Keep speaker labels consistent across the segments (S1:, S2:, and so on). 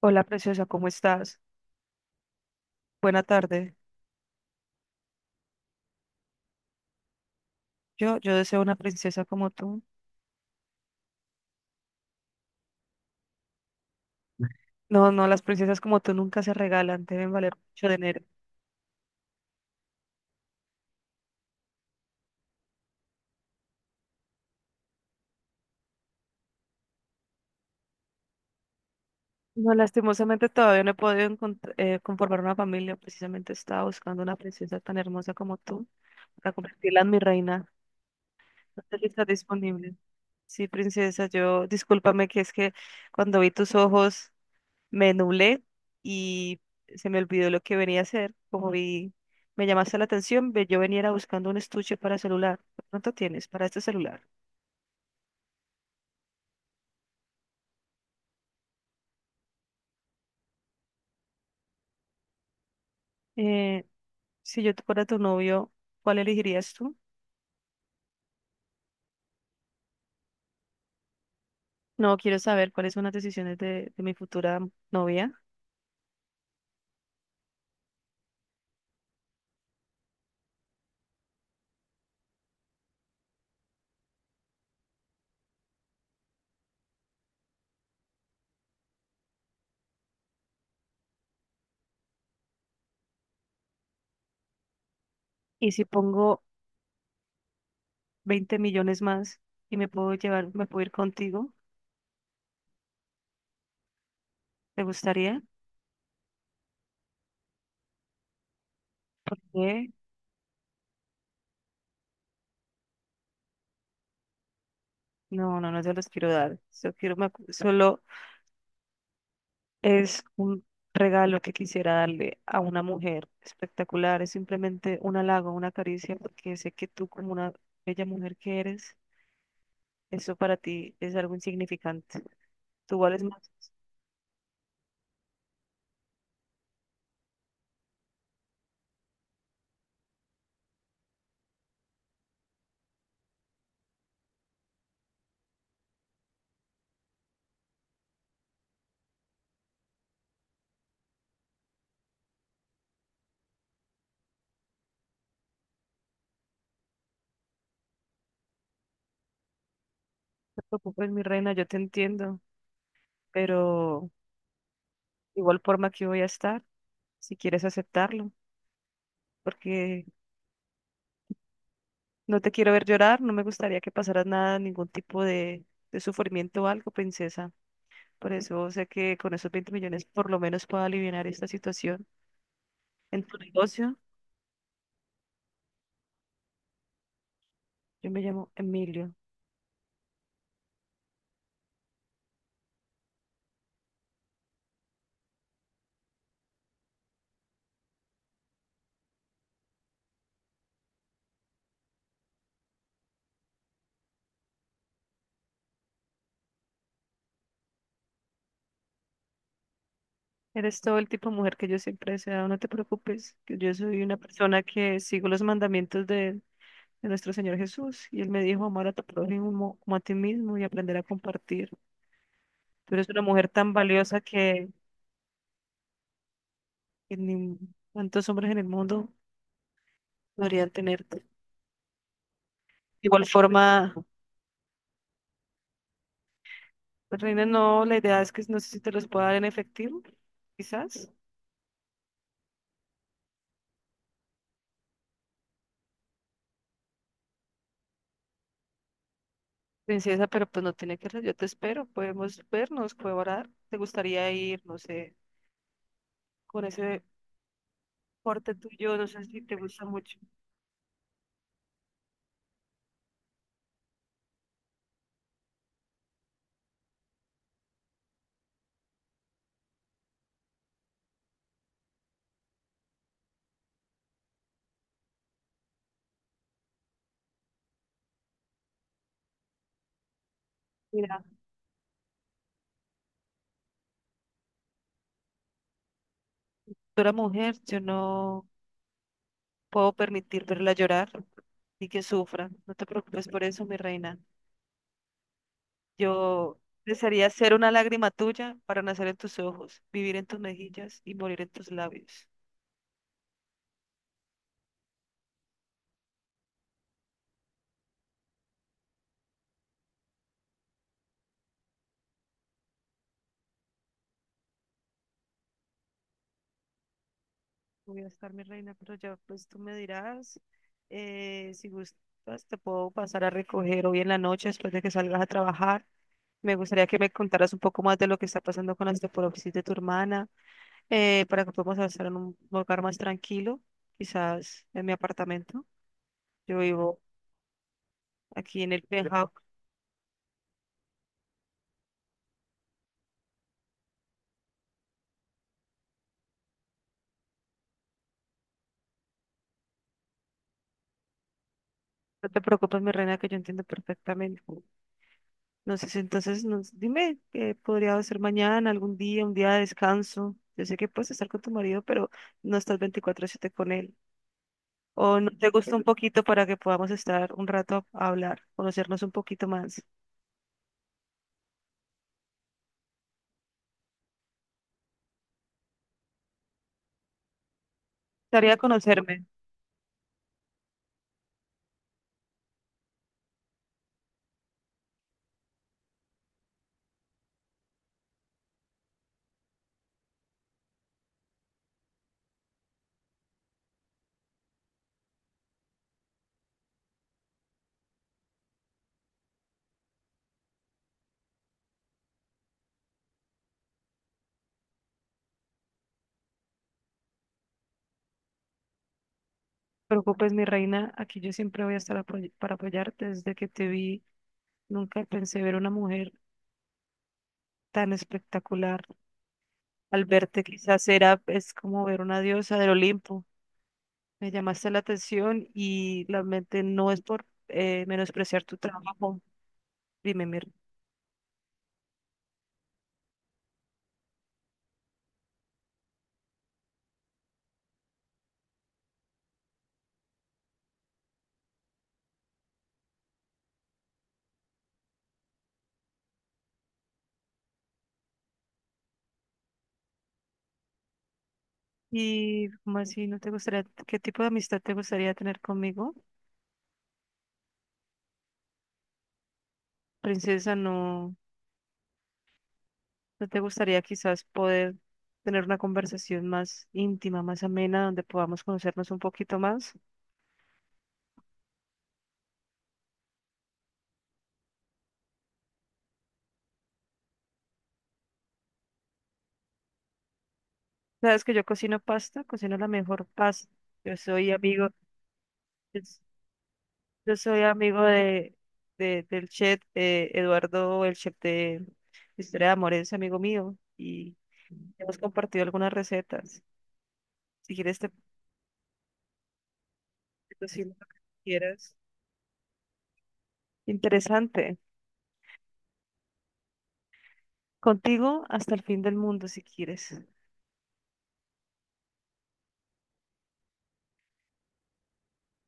S1: Hola, preciosa, ¿cómo estás? Buena tarde. Yo deseo una princesa como tú. No, no, las princesas como tú nunca se regalan, deben valer mucho dinero. No, lastimosamente todavía no he podido conformar una familia. Precisamente estaba buscando una princesa tan hermosa como tú para convertirla en mi reina. No sé si estás disponible. Sí, princesa, yo, discúlpame que es que cuando vi tus ojos me nublé y se me olvidó lo que venía a hacer. Como vi, me llamaste la atención, yo venía era buscando un estuche para celular. ¿De pronto tienes para este celular? Eh, si yo te fuera tu novio, ¿cuál elegirías tú? No quiero saber cuáles son las decisiones de mi futura novia. Y si pongo 20 millones más y me puedo llevar, me puedo ir contigo, ¿te gustaría? ¿Qué? No, no, no se los quiero dar. Solo quiero, solo es un regalo que quisiera darle a una mujer espectacular, es simplemente un halago, una caricia, porque sé que tú como una bella mujer que eres, eso para ti es algo insignificante. Tú vales más, no te preocupes, mi reina, yo te entiendo, pero igual forma que voy a estar, si quieres aceptarlo, porque no te quiero ver llorar, no me gustaría que pasaras nada, ningún tipo de sufrimiento o algo, princesa. Por eso sé que con esos 20 millones por lo menos puedo aliviar esta situación en tu negocio. Yo me llamo Emilio. Eres todo el tipo de mujer que yo siempre he deseado. No te preocupes, que yo soy una persona que sigo los mandamientos de nuestro Señor Jesús. Y Él me dijo amar a tu prójimo como a ti mismo y aprender a compartir. Tú eres una mujer tan valiosa que ni tantos hombres en el mundo podrían tenerte. De igual forma, pues, Reina, no, la idea es que no sé si te los pueda dar en efectivo, quizás. Princesa, pero pues no tiene que ser, yo te espero, podemos vernos, colaborar. ¿Te gustaría ir, no sé, con ese corte tuyo? No sé si te gusta mucho. Mira, tú eres mujer, yo no puedo permitir verla llorar y que sufra. No te preocupes por eso, mi reina. Yo desearía ser una lágrima tuya para nacer en tus ojos, vivir en tus mejillas y morir en tus labios. Voy a estar mi reina, pero ya pues tú me dirás, si gustas, te puedo pasar a recoger hoy en la noche después de que salgas a trabajar. Me gustaría que me contaras un poco más de lo que está pasando con la osteoporosis de tu hermana, para que podamos estar en un lugar más tranquilo, quizás en mi apartamento. Yo vivo aquí en el penthouse. No te preocupes, mi reina, que yo entiendo perfectamente. No sé, si entonces nos, dime qué podría ser mañana, algún día, un día de descanso. Yo sé que puedes estar con tu marido, pero no estás 24/7 con él. O no te gusta un poquito para que podamos estar un rato a hablar, conocernos un poquito más. Tarea conocerme. No te preocupes, mi reina. Aquí yo siempre voy a estar para apoyarte. Desde que te vi, nunca pensé ver una mujer tan espectacular. Al verte, quizás era, es como ver una diosa del Olimpo. Me llamaste la atención y realmente no es por menospreciar tu trabajo. Dime, Mir. ¿Y cómo así no te gustaría, qué tipo de amistad te gustaría tener conmigo? Princesa, no, no te gustaría quizás poder tener una conversación más íntima, más amena, donde podamos conocernos un poquito más. Sabes que yo cocino pasta, cocino la mejor pasta. Yo soy amigo, yo soy amigo del chef Eduardo, el chef de historia de amor es amigo mío y hemos compartido algunas recetas. Si quieres, te cocino lo que quieras. Interesante. Contigo hasta el fin del mundo, si quieres.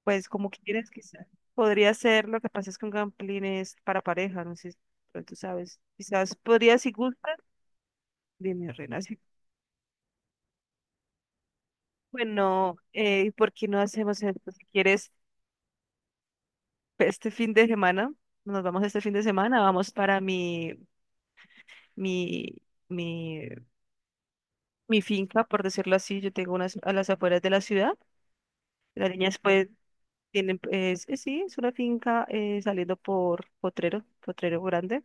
S1: Pues como quieras, quizás. Podría ser, lo que pasa es con gamplines para pareja, no sé, pero tú sabes. Quizás podría, si gustas, dime, reina. Bueno, ¿por qué no hacemos esto? Si quieres, este fin de semana, nos vamos este fin de semana, vamos para mi, mi mi finca, por decirlo así, yo tengo unas a las afueras de la ciudad. Las niñas pues tienen, pues, es, sí, es una finca saliendo por Potrero, Potrero Grande.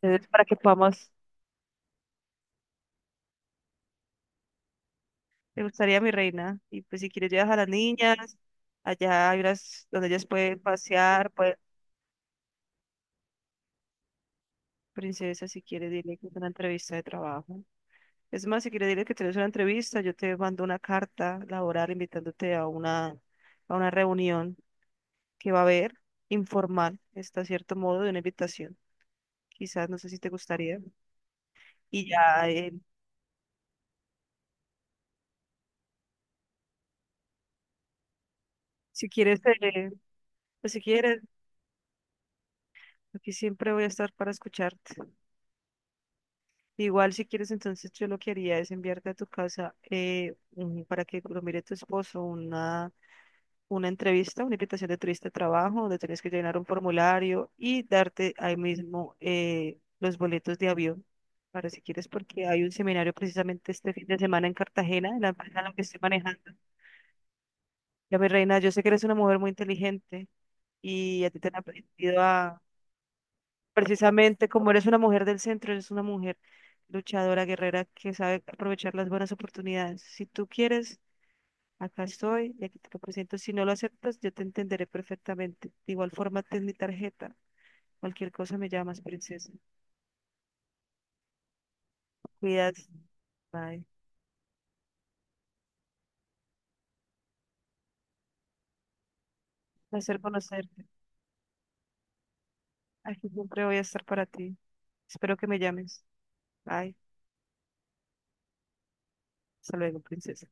S1: Entonces, para que podamos, me gustaría mi reina. Y pues si quieres llevas a las niñas, allá hay unas donde ellas pueden pasear, pues princesa, si quieres dile que es una entrevista de trabajo. Es más, si quieres dile que tienes una entrevista, yo te mando una carta laboral invitándote a una reunión que va a haber informal, está cierto modo de una invitación. Quizás, no sé si te gustaría. Y ya, si quieres, pues si quieres, aquí siempre voy a estar para escucharte. Igual si quieres, entonces yo lo que haría es enviarte a tu casa para que lo mire tu esposo una entrevista, una invitación de turista de trabajo, donde tienes que llenar un formulario y darte ahí mismo los boletos de avión. Para si quieres, porque hay un seminario precisamente este fin de semana en Cartagena, en la empresa en la que estoy manejando. Ya, mi reina, yo sé que eres una mujer muy inteligente. Y a ti te han aprendido a, precisamente como eres una mujer del centro, eres una mujer luchadora, guerrera, que sabe aprovechar las buenas oportunidades. Si tú quieres, acá estoy y aquí te lo presento. Si no lo aceptas, yo te entenderé perfectamente. De igual forma, ten mi tarjeta. Cualquier cosa me llamas, princesa. Cuídate. Bye. Placer conocerte. Aquí siempre voy a estar para ti. Espero que me llames. Bye. Hasta luego, princesa.